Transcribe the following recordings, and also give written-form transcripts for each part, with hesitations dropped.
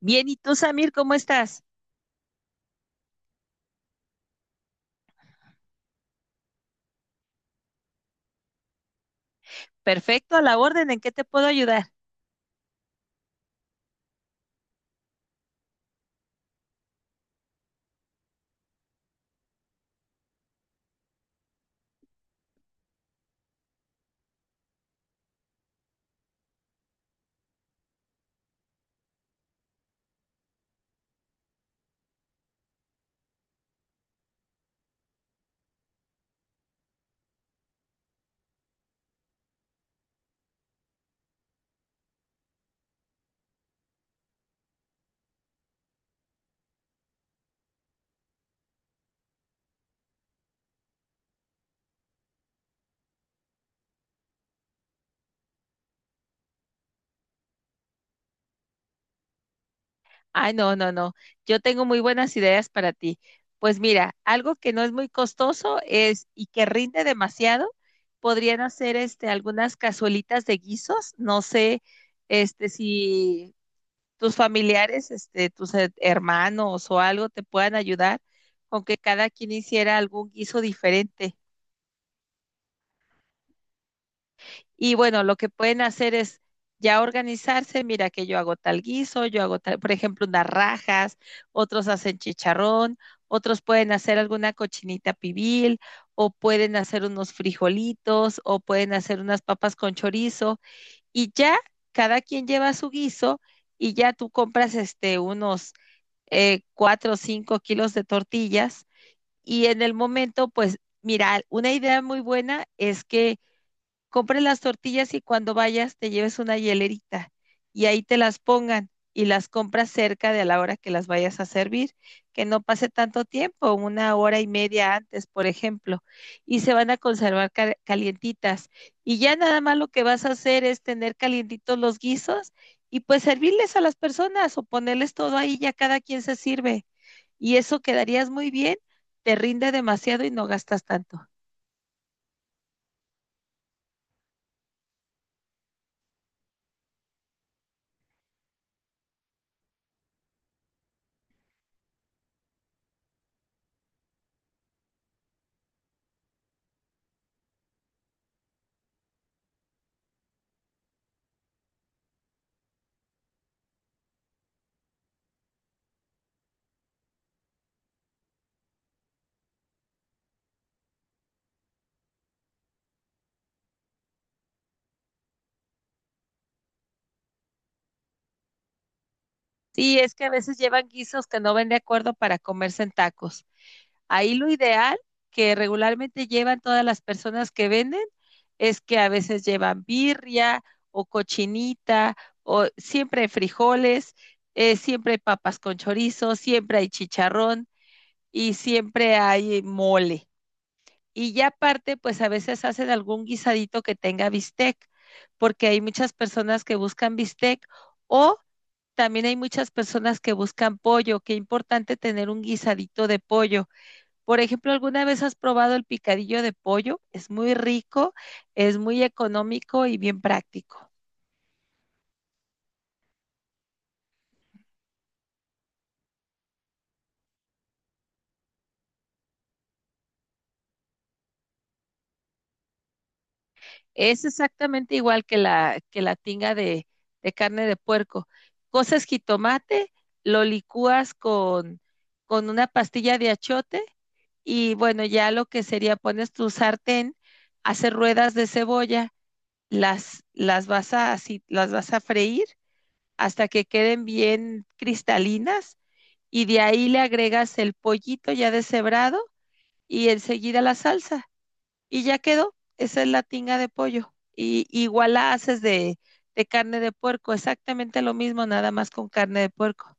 Bien, ¿y tú, Samir, cómo estás? Perfecto, a la orden, ¿en qué te puedo ayudar? Ay, no, no, no, yo tengo muy buenas ideas para ti. Pues mira, algo que no es muy costoso es y que rinde demasiado, podrían hacer algunas cazuelitas de guisos, no sé, si tus familiares, tus hermanos o algo te puedan ayudar con que cada quien hiciera algún guiso diferente. Y bueno, lo que pueden hacer es ya organizarse, mira que yo hago tal guiso, yo hago tal, por ejemplo, unas rajas, otros hacen chicharrón, otros pueden hacer alguna cochinita pibil, o pueden hacer unos frijolitos, o pueden hacer unas papas con chorizo, y ya cada quien lleva su guiso, y ya tú compras unos 4 o 5 kilos de tortillas, y en el momento, pues, mira, una idea muy buena es que compres las tortillas y cuando vayas te lleves una hielerita y ahí te las pongan y las compras cerca de a la hora que las vayas a servir, que no pase tanto tiempo, 1 hora y media antes, por ejemplo, y se van a conservar calientitas. Y ya nada más lo que vas a hacer es tener calientitos los guisos y pues servirles a las personas o ponerles todo ahí, ya cada quien se sirve. Y eso quedarías muy bien, te rinde demasiado y no gastas tanto. Sí, es que a veces llevan guisos que no ven de acuerdo para comerse en tacos. Ahí lo ideal que regularmente llevan todas las personas que venden es que a veces llevan birria o cochinita o siempre hay frijoles, siempre hay papas con chorizo, siempre hay chicharrón y siempre hay mole. Y ya aparte, pues a veces hacen algún guisadito que tenga bistec, porque hay muchas personas que buscan bistec o también hay muchas personas que buscan pollo, qué importante tener un guisadito de pollo. Por ejemplo, ¿alguna vez has probado el picadillo de pollo? Es muy rico, es muy económico y bien práctico. Es exactamente igual que la tinga de carne de puerco. Coces jitomate, lo licúas con una pastilla de achiote y bueno, ya lo que sería, pones tu sartén, haces ruedas de cebolla. Las vas a freír hasta que queden bien cristalinas y de ahí le agregas el pollito ya deshebrado y enseguida la salsa y ya quedó. Esa es la tinga de pollo. Y igual la haces de carne de puerco, exactamente lo mismo, nada más con carne de puerco.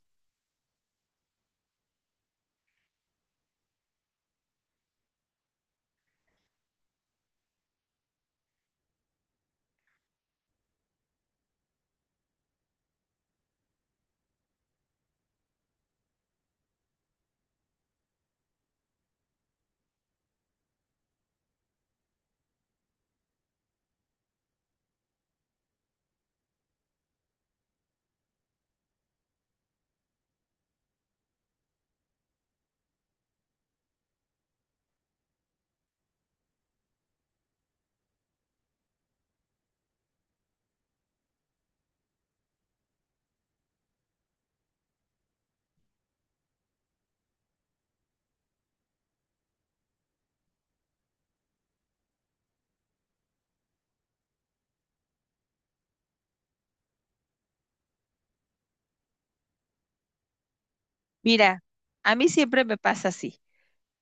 Mira, a mí siempre me pasa así.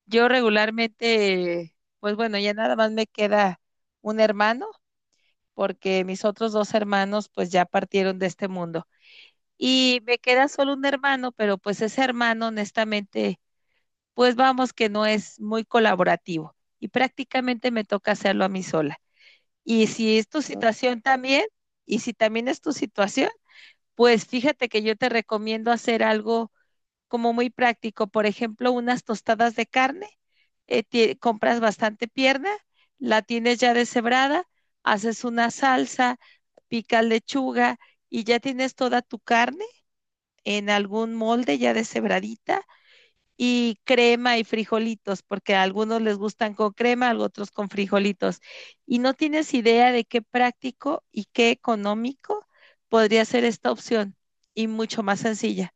Yo regularmente, pues bueno, ya nada más me queda un hermano, porque mis otros dos hermanos pues ya partieron de este mundo. Y me queda solo un hermano, pero pues ese hermano, honestamente, pues vamos que no es muy colaborativo y prácticamente me toca hacerlo a mí sola. Y si es tu situación también, y si también es tu situación, pues fíjate que yo te recomiendo hacer algo como muy práctico, por ejemplo, unas tostadas de carne, compras bastante pierna, la tienes ya deshebrada, haces una salsa, picas lechuga y ya tienes toda tu carne en algún molde ya deshebradita y crema y frijolitos, porque a algunos les gustan con crema, a otros con frijolitos. Y no tienes idea de qué práctico y qué económico podría ser esta opción y mucho más sencilla.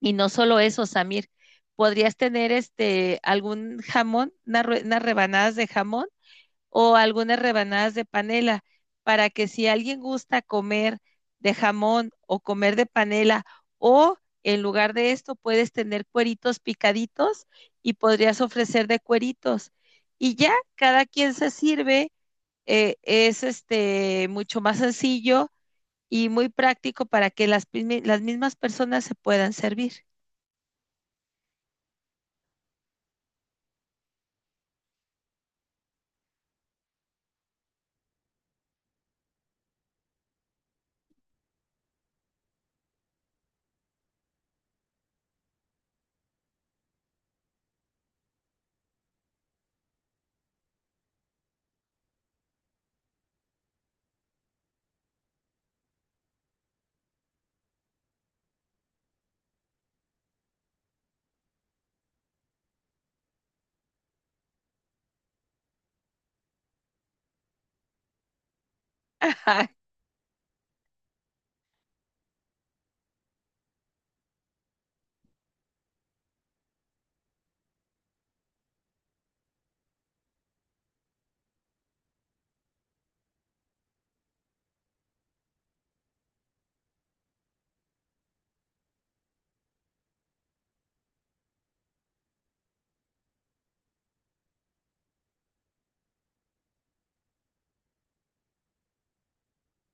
Y no solo eso, Samir, podrías tener algún jamón, unas una rebanadas de jamón o algunas rebanadas de panela, para que si alguien gusta comer de jamón o comer de panela, o en lugar de esto puedes tener cueritos picaditos y podrías ofrecer de cueritos. Y ya cada quien se sirve, es mucho más sencillo y muy práctico para que las mismas personas se puedan servir.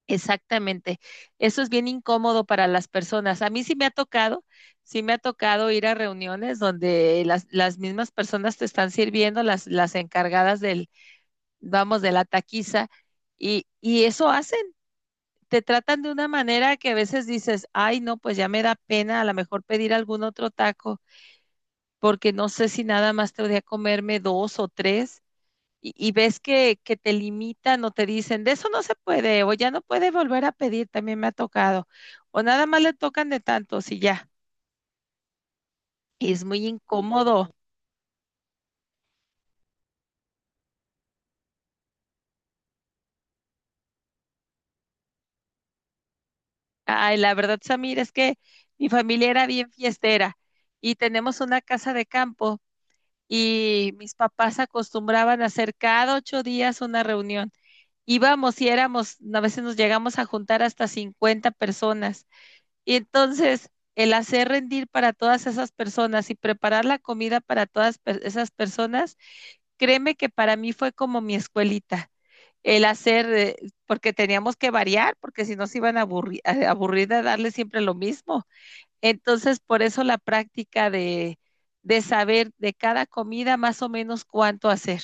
Exactamente. Eso es bien incómodo para las personas. A mí sí me ha tocado, sí me ha tocado ir a reuniones donde las mismas personas te están sirviendo, las encargadas vamos, de la taquiza, y eso hacen. Te tratan de una manera que a veces dices, ay, no, pues ya me da pena a lo mejor pedir algún otro taco, porque no sé si nada más te voy a comerme 2 o 3 y ves que te limitan o te dicen, de eso no se puede, o ya no puede volver a pedir, también me ha tocado, o nada más le tocan de tantos y ya, y es muy incómodo. Ay, la verdad, Samir, es que mi familia era bien fiestera y tenemos una casa de campo y mis papás acostumbraban a hacer cada 8 días una reunión. Íbamos y éramos, a veces nos llegamos a juntar hasta 50 personas. Y entonces, el hacer rendir para todas esas personas y preparar la comida para todas esas personas, créeme que para mí fue como mi escuelita. El hacer, porque teníamos que variar, porque si no se iban a aburrir de darle siempre lo mismo. Entonces, por eso la práctica de saber de cada comida más o menos cuánto hacer.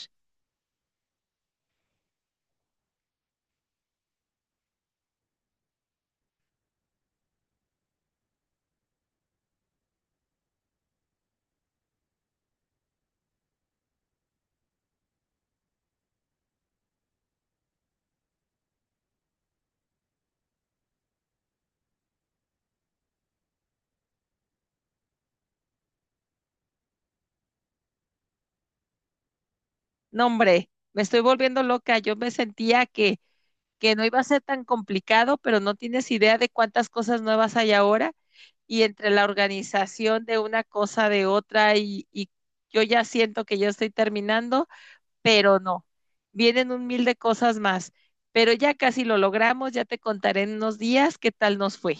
No, hombre, me estoy volviendo loca. Yo me sentía que no iba a ser tan complicado, pero no tienes idea de cuántas cosas nuevas hay ahora y entre la organización de una cosa de otra y yo ya siento que ya estoy terminando, pero no, vienen un mil de cosas más, pero ya casi lo logramos, ya te contaré en unos días qué tal nos fue.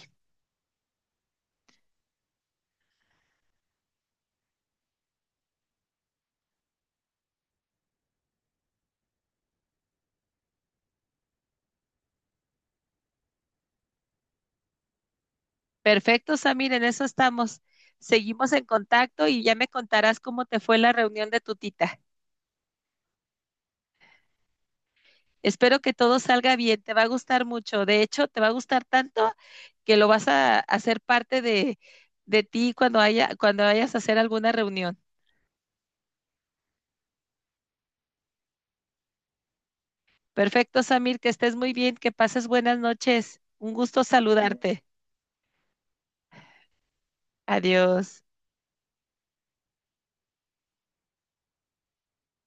Perfecto, Samir, en eso estamos. Seguimos en contacto y ya me contarás cómo te fue la reunión de tu tita. Espero que todo salga bien, te va a gustar mucho. De hecho, te va a gustar tanto que lo vas a hacer parte de ti cuando cuando vayas a hacer alguna reunión. Perfecto, Samir, que estés muy bien, que pases buenas noches. Un gusto saludarte. Adiós.